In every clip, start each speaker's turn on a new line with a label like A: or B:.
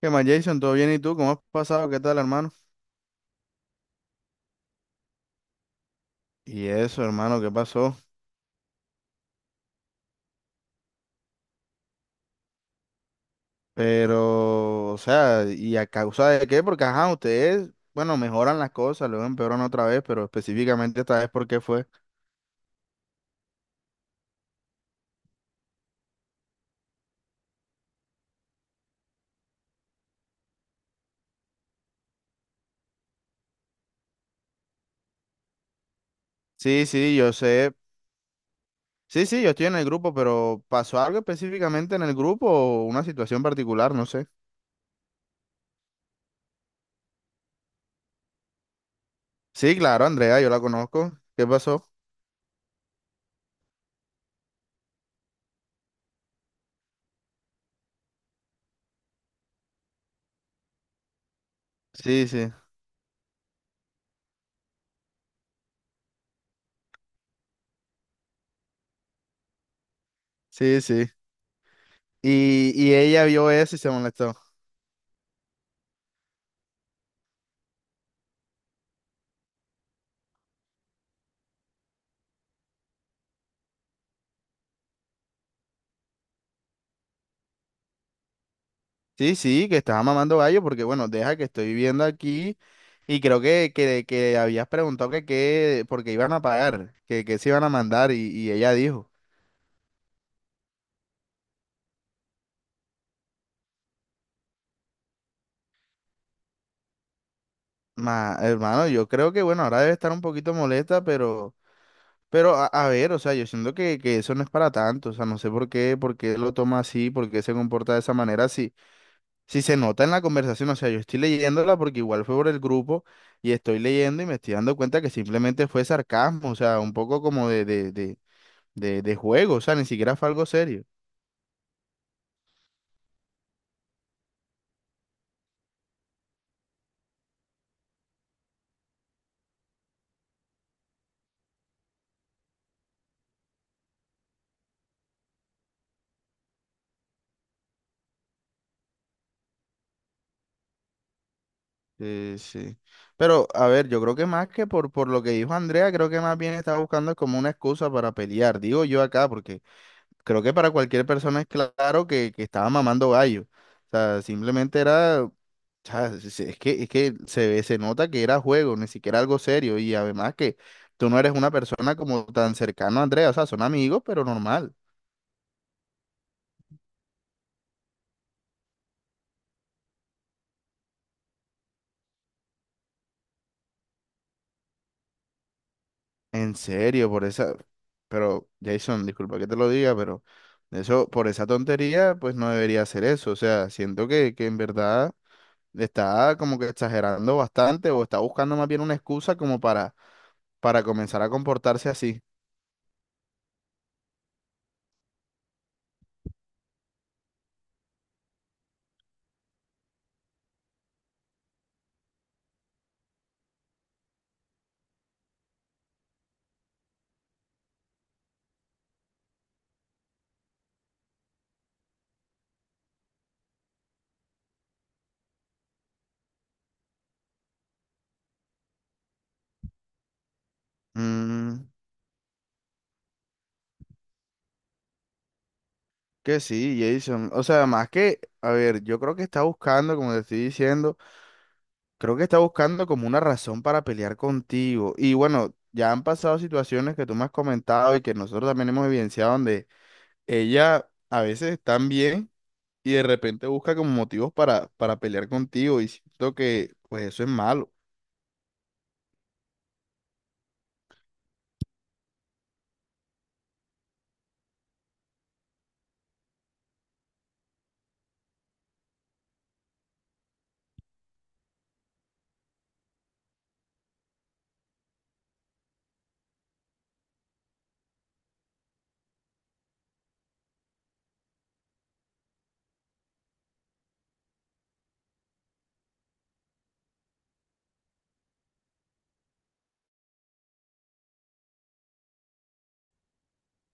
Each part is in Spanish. A: ¿Qué más, Jason? ¿Todo bien? ¿Y tú? ¿Cómo has pasado? ¿Qué tal, hermano? Y eso, hermano, ¿qué pasó? Pero, o sea, ¿y a causa de qué? Porque, ajá, ustedes, bueno, mejoran las cosas, luego empeoran otra vez, pero específicamente esta vez, ¿por qué fue? Sí, sí, yo sé. Sí, sí, yo estoy en el grupo, pero ¿pasó algo específicamente en el grupo o una situación particular? No sé. Sí, claro, Andrea, yo la conozco. ¿Qué pasó? Sí, sí, sí, sí. Y ella vio eso y se molestó. Sí, sí, que estaba mamando gallo porque, bueno, deja que estoy viviendo aquí y creo que habías preguntado que qué, porque iban a pagar, que se iban a mandar y ella dijo, ma, hermano, yo creo que, bueno, ahora debe estar un poquito molesta, pero a ver, o sea, yo siento que eso no es para tanto, o sea, no sé por qué lo toma así, por qué se comporta de esa manera, si, si se nota en la conversación, o sea, yo estoy leyéndola porque igual fue por el grupo y estoy leyendo y me estoy dando cuenta que simplemente fue sarcasmo, o sea, un poco como de juego, o sea, ni siquiera fue algo serio. Sí. Pero, a ver, yo creo que más que por lo que dijo Andrea, creo que más bien está buscando como una excusa para pelear, digo yo acá, porque creo que para cualquier persona es claro que estaba mamando gallo. O sea, simplemente era, o sea, es que se ve, se nota que era juego, ni siquiera algo serio, y además que tú no eres una persona como tan cercana a Andrea, o sea, son amigos, pero normal. En serio, por esa. Pero, Jason, disculpa que te lo diga, pero eso, por esa tontería, pues no debería hacer eso. O sea, siento que en verdad está como que exagerando bastante o está buscando más bien una excusa como para comenzar a comportarse así. Mm, que sí, Jason. O sea, más que, a ver, yo creo que está buscando, como te estoy diciendo, creo que está buscando como una razón para pelear contigo. Y bueno, ya han pasado situaciones que tú me has comentado y que nosotros también hemos evidenciado donde ella a veces está bien y de repente busca como motivos para pelear contigo y siento que pues eso es malo.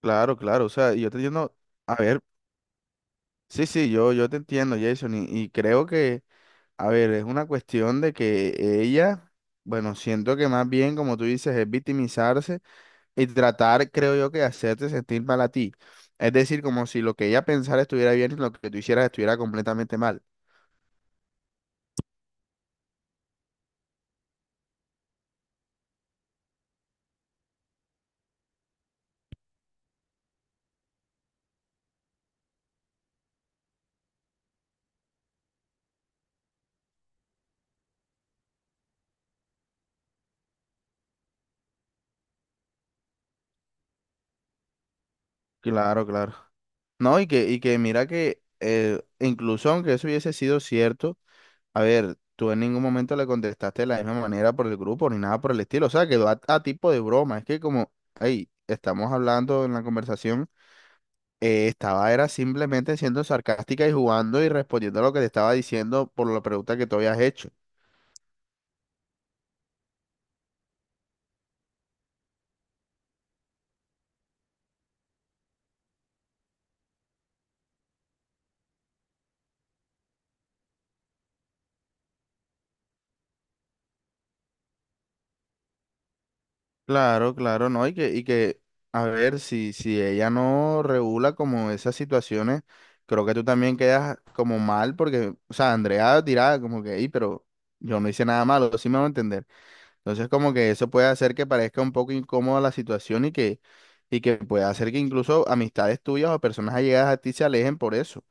A: Claro, claro, o sea, yo te entiendo, a ver, sí, sí, yo te entiendo, Jason, y creo que, a ver, es una cuestión de que ella, bueno, siento que más bien, como tú dices, es victimizarse y tratar, creo yo, que de hacerte sentir mal a ti. Es decir, como si lo que ella pensara estuviera bien y lo que tú hicieras estuviera completamente mal. Claro, claro. No, y que mira que incluso aunque eso hubiese sido cierto, a ver, tú en ningún momento le contestaste de la misma manera por el grupo ni nada por el estilo, o sea, quedó a tipo de broma, es que como, hey, estamos hablando en la conversación, estaba era simplemente siendo sarcástica y jugando y respondiendo a lo que te estaba diciendo por la pregunta que tú habías hecho. Claro, claro, no, y que, a ver, si, si ella no regula como esas situaciones, creo que tú también quedas como mal, porque, o sea, Andrea dirá como que, "Ey, pero yo no hice nada malo, sí me va a entender". Entonces, como que eso puede hacer que parezca un poco incómoda la situación y que puede hacer que incluso amistades tuyas o personas allegadas a ti se alejen por eso.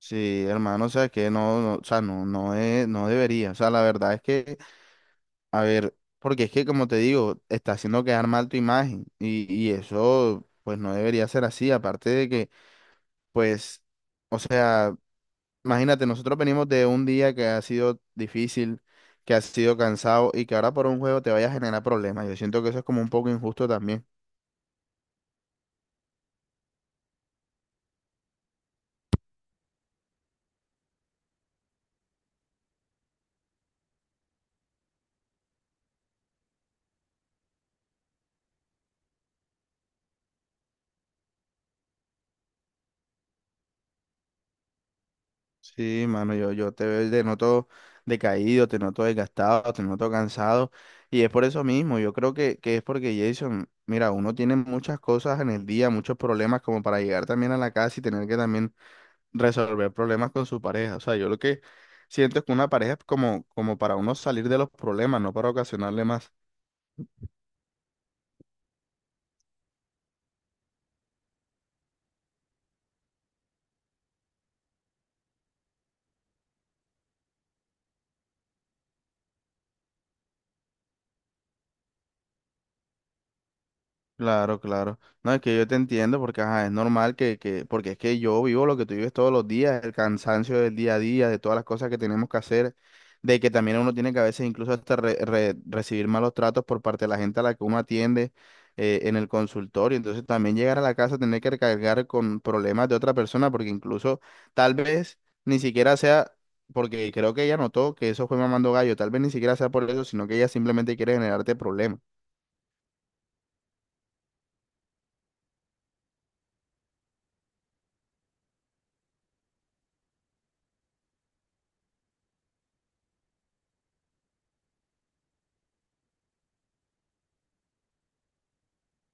A: Sí, hermano, o sea, que no, no, o sea, no, no es, no debería. O sea, la verdad es que a ver, porque es que como te digo, está haciendo quedar mal tu imagen y eso pues no debería ser así, aparte de que pues, o sea, imagínate, nosotros venimos de un día que ha sido difícil, que ha sido cansado y que ahora por un juego te vaya a generar problemas. Yo siento que eso es como un poco injusto también. Sí, mano, yo te veo, te noto decaído, te noto desgastado, te noto cansado. Y es por eso mismo, yo creo que es porque Jason, mira, uno tiene muchas cosas en el día, muchos problemas como para llegar también a la casa y tener que también resolver problemas con su pareja. O sea, yo lo que siento es que una pareja es como, como para uno salir de los problemas, no para ocasionarle más. Claro, claro. No, es que yo te entiendo porque ajá, es normal que, porque es que yo vivo lo que tú vives todos los días, el cansancio del día a día, de todas las cosas que tenemos que hacer, de que también uno tiene que a veces incluso hasta recibir malos tratos por parte de la gente a la que uno atiende en el consultorio. Entonces también llegar a la casa, tener que recargar con problemas de otra persona, porque incluso tal vez ni siquiera sea, porque creo que ella notó que eso fue mamando gallo, tal vez ni siquiera sea por eso, sino que ella simplemente quiere generarte problemas.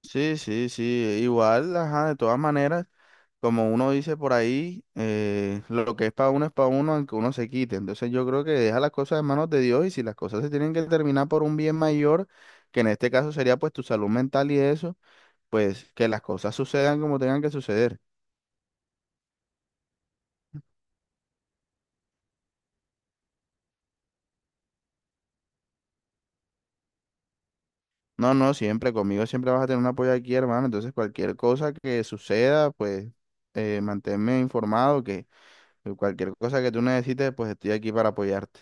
A: Sí, sí, sí, igual, ajá, de todas maneras, como uno dice por ahí, lo que es para uno, aunque uno se quite. Entonces yo creo que deja las cosas en manos de Dios y si las cosas se tienen que terminar por un bien mayor, que en este caso sería pues tu salud mental y eso, pues que las cosas sucedan como tengan que suceder. No, no, siempre, conmigo siempre vas a tener un apoyo aquí, hermano. Entonces cualquier cosa que suceda, pues manténme informado, que cualquier cosa que tú necesites, pues estoy aquí para apoyarte.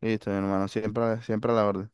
A: Listo, mi hermano, siempre, siempre a la orden.